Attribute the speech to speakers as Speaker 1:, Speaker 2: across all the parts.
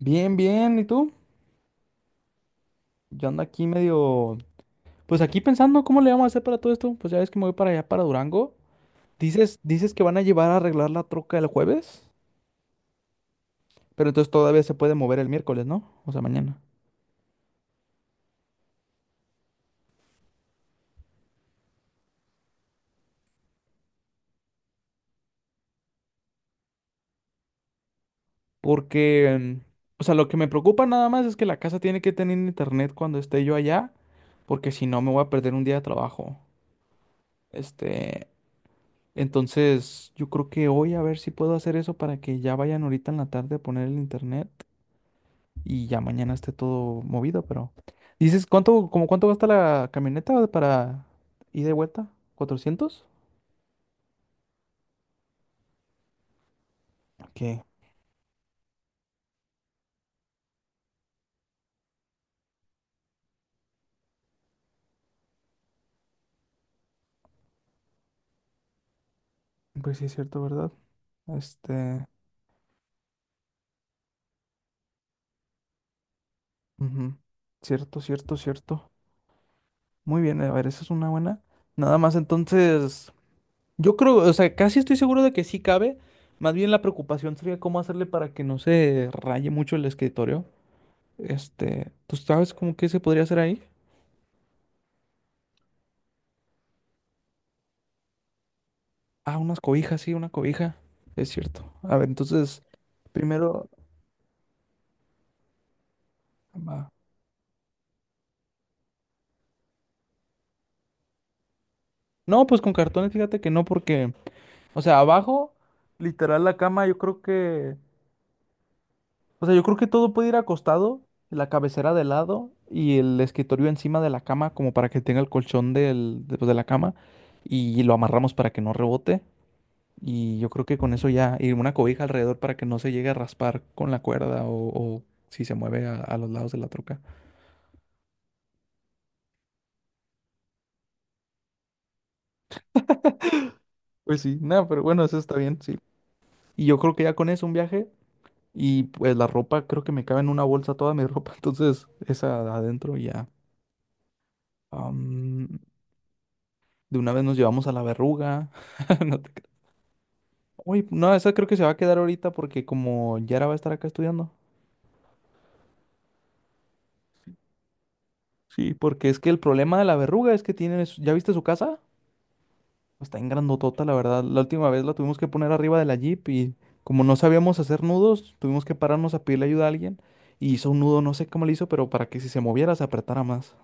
Speaker 1: Bien, bien, ¿y tú? Yo ando aquí medio, pues aquí pensando cómo le vamos a hacer para todo esto. Pues ya ves que me voy para allá, para Durango. Dices que van a llevar a arreglar la troca el jueves, pero entonces todavía se puede mover el miércoles, ¿no? O sea, mañana. Porque, o sea, lo que me preocupa nada más es que la casa tiene que tener internet cuando esté yo allá, porque si no me voy a perder un día de trabajo. Este, entonces yo creo que hoy a ver si puedo hacer eso para que ya vayan ahorita en la tarde a poner el internet. Y ya mañana esté todo movido, pero... Dices, ¿cuánto gasta la camioneta para ida y vuelta? 400. Ok, pues sí, es cierto, ¿verdad? Este... Ujú. Cierto, cierto, cierto. Muy bien, a ver, esa es una buena. Nada más, entonces, yo creo, o sea, casi estoy seguro de que sí cabe. Más bien la preocupación sería cómo hacerle para que no se raye mucho el escritorio. ¿Tú sabes cómo que se podría hacer ahí? Ah, unas cobijas, sí, una cobija. Es cierto. A ver, entonces, primero... Va. No, pues con cartones, fíjate que no, porque, o sea, abajo, literal, la cama, yo creo que, o sea, yo creo que todo puede ir acostado, la cabecera de lado y el escritorio encima de la cama, como para que tenga el colchón de la cama, y lo amarramos para que no rebote. Y yo creo que con eso ya, y una cobija alrededor para que no se llegue a raspar con la cuerda o si se mueve a los lados de la troca. Pues sí, nada, pero bueno, eso está bien, sí. Y yo creo que ya con eso un viaje y pues la ropa, creo que me cabe en una bolsa toda mi ropa, entonces esa adentro y ya. Am, de una vez nos llevamos a la verruga. No te creas. Uy, no, esa creo que se va a quedar ahorita porque como Yara va a estar acá estudiando. Sí, porque es que el problema de la verruga es que ¿ya viste su casa? Está en grandotota, la verdad. La última vez la tuvimos que poner arriba de la Jeep y como no sabíamos hacer nudos, tuvimos que pararnos a pedirle ayuda a alguien y hizo un nudo, no sé cómo le hizo, pero para que si se moviera se apretara más.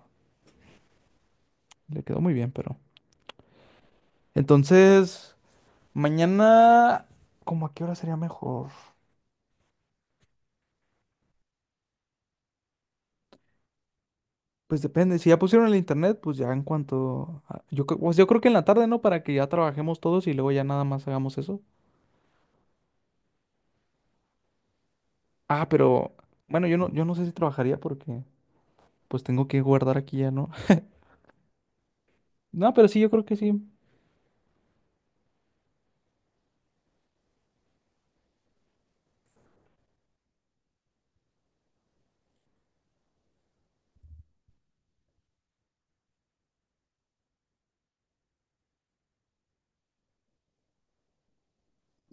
Speaker 1: Le quedó muy bien, pero... Entonces, mañana, ¿cómo a qué hora sería mejor? Pues depende, si ya pusieron el internet, pues ya en cuanto... pues yo creo que en la tarde, ¿no? Para que ya trabajemos todos y luego ya nada más hagamos eso. Ah, pero... Bueno, yo no sé si trabajaría porque pues tengo que guardar aquí ya, ¿no? No, pero sí, yo creo que sí.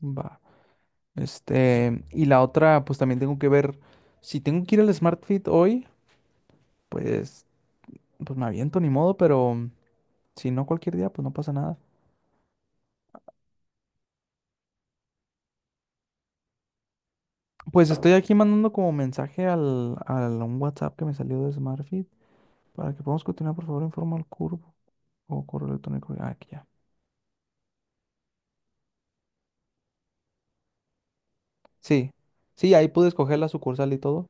Speaker 1: Va. Y la otra, pues también tengo que ver. Si tengo que ir al Smart Fit hoy, pues, pues me aviento ni modo, pero si no cualquier día, pues no pasa nada. Pues estoy aquí mandando como mensaje al un WhatsApp que me salió de Smart Fit para que podamos continuar, por favor, informa al curvo o correo electrónico. Ah, aquí ya. Sí, sí, ahí pude escoger la sucursal y todo.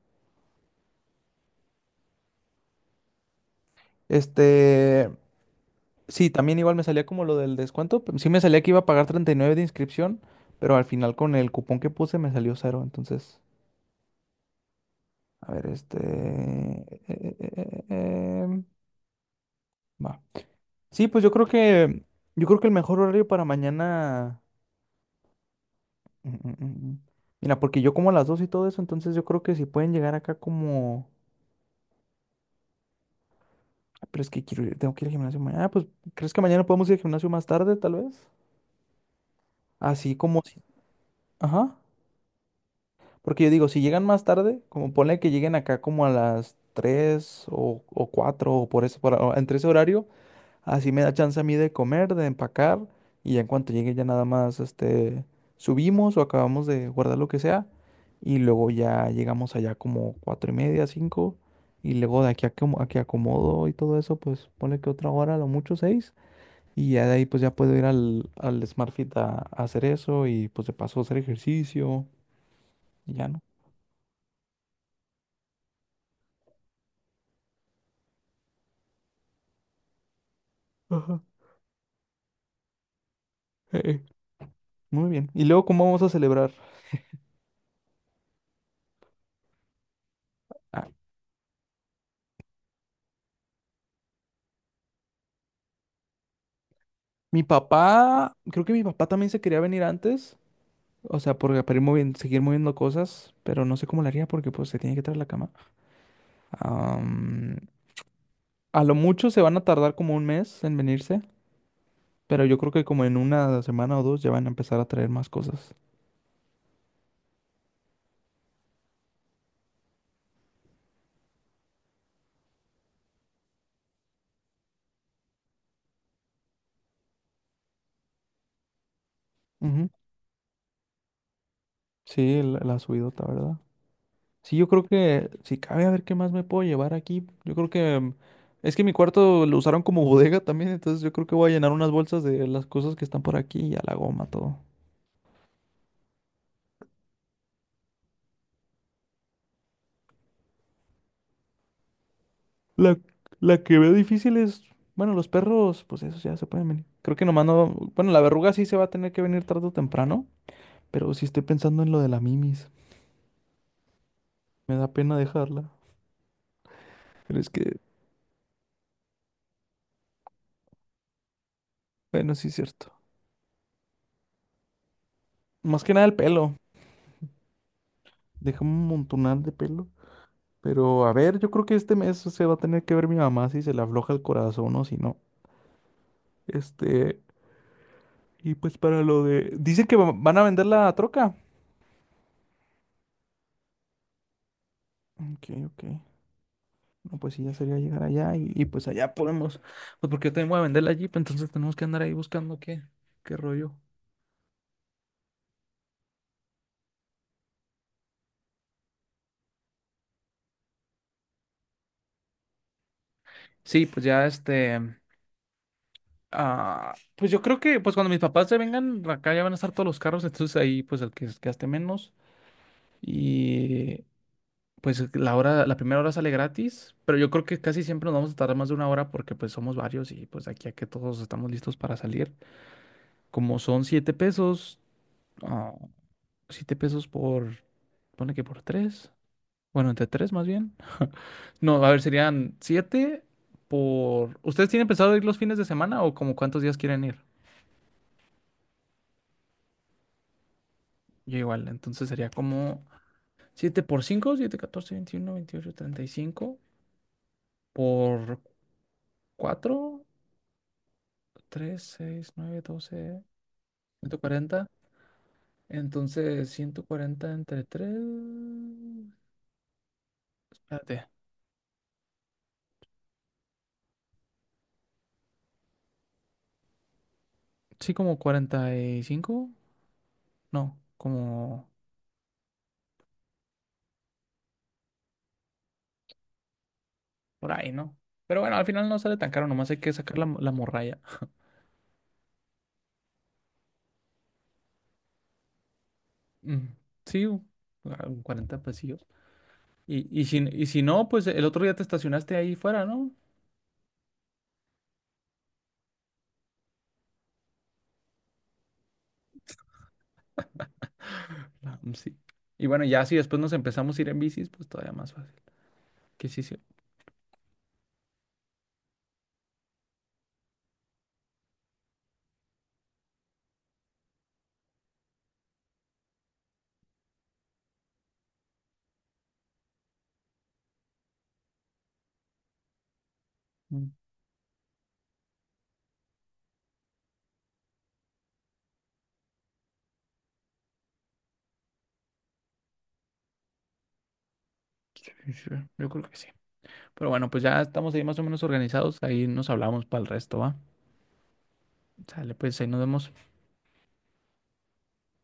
Speaker 1: Este. Sí, también igual me salía como lo del descuento, pero sí me salía que iba a pagar 39 de inscripción, pero al final con el cupón que puse me salió cero. Entonces, a ver, va. Sí, pues yo creo que... Yo creo que el mejor horario para mañana... mm, mm, mm, mm. Mira, porque yo como a las 2 y todo eso, entonces yo creo que si pueden llegar acá como... Ay, pero es que quiero ir, tengo que ir al gimnasio mañana. Ah, pues, ¿crees que mañana podemos ir al gimnasio más tarde, tal vez? Así como... si- Ajá. Porque yo digo, si llegan más tarde, como ponle que lleguen acá como a las 3 o 4 o por eso, o entre ese horario, así me da chance a mí de comer, de empacar y ya en cuanto llegue ya nada más subimos o acabamos de guardar lo que sea y luego ya llegamos allá como 4:30, 5 y luego de aquí a que acomodo y todo eso, pues ponle que otra hora, a lo mucho 6 y ya de ahí pues ya puedo ir al Smart Fit a hacer eso y pues de paso hacer ejercicio y ya no. Eh, eh, Muy bien. ¿Y luego cómo vamos a celebrar? Ah, mi papá, creo que mi papá también se quería venir antes. O sea, porque para ir moviendo, seguir moviendo cosas, pero no sé cómo lo haría porque pues se tiene que traer la cama. Am, a lo mucho se van a tardar como un mes en venirse, pero yo creo que como en una semana o dos ya van a empezar a traer más cosas. Ujú. Sí, la subidota, ¿verdad? Sí, yo creo que si cabe a ver qué más me puedo llevar aquí. Yo creo que es que mi cuarto lo usaron como bodega también, entonces yo creo que voy a llenar unas bolsas de las cosas que están por aquí y a la goma todo. La, la que veo difícil es, bueno, los perros, pues esos ya se pueden venir. Creo que nomás no, bueno, la verruga sí se va a tener que venir tarde o temprano, pero sí estoy pensando en lo de la mimis. Me da pena dejarla. Pero es que, bueno, sí es cierto. Más que nada el pelo. Deja un montonal de pelo. Pero a ver, yo creo que este mes se va a tener que ver mi mamá si se le afloja el corazón o si no. Este, y pues para lo de... Dicen que van a vender la troca. Ok, ok. No, pues sí, ya sería llegar allá y pues allá podemos... Pues porque yo también voy a vender la Jeep, entonces tenemos que andar ahí buscando qué rollo. Sí, pues ya pues yo creo que pues cuando mis papás se vengan, acá ya van a estar todos los carros, entonces ahí pues el que gaste menos. Y pues la primera hora sale gratis, pero yo creo que casi siempre nos vamos a tardar más de una hora porque pues somos varios y pues de aquí a que todos estamos listos para salir. Como son ah, siete pesos por, pone que por tres, bueno, entre tres más bien. No, a ver, serían siete por... ¿Ustedes tienen pensado ir los fines de semana o como cuántos días quieren ir? Yo igual, entonces sería como siete por cinco, siete, catorce, veintiuno, veintiocho, treinta y cinco por cuatro. Tres, seis, nueve, doce. 140. Entonces, 140 entre tres. Espérate. Sí, como 45. No, como por ahí, ¿no? Pero bueno, al final no sale tan caro, nomás hay que sacar la morralla. Mm, sí, un pesillos. Y si no, pues el otro día te estacionaste ahí fuera, ¿no? Ah, mm, sí. Y bueno, ya si después nos empezamos a ir en bicis, pues todavía más fácil. Que sí, sí. Mm, sí, sí. Yo creo que sí. Pero bueno, pues ya estamos ahí más o menos organizados. Ahí nos hablamos para el resto, ¿va? Sale, pues ahí nos vemos.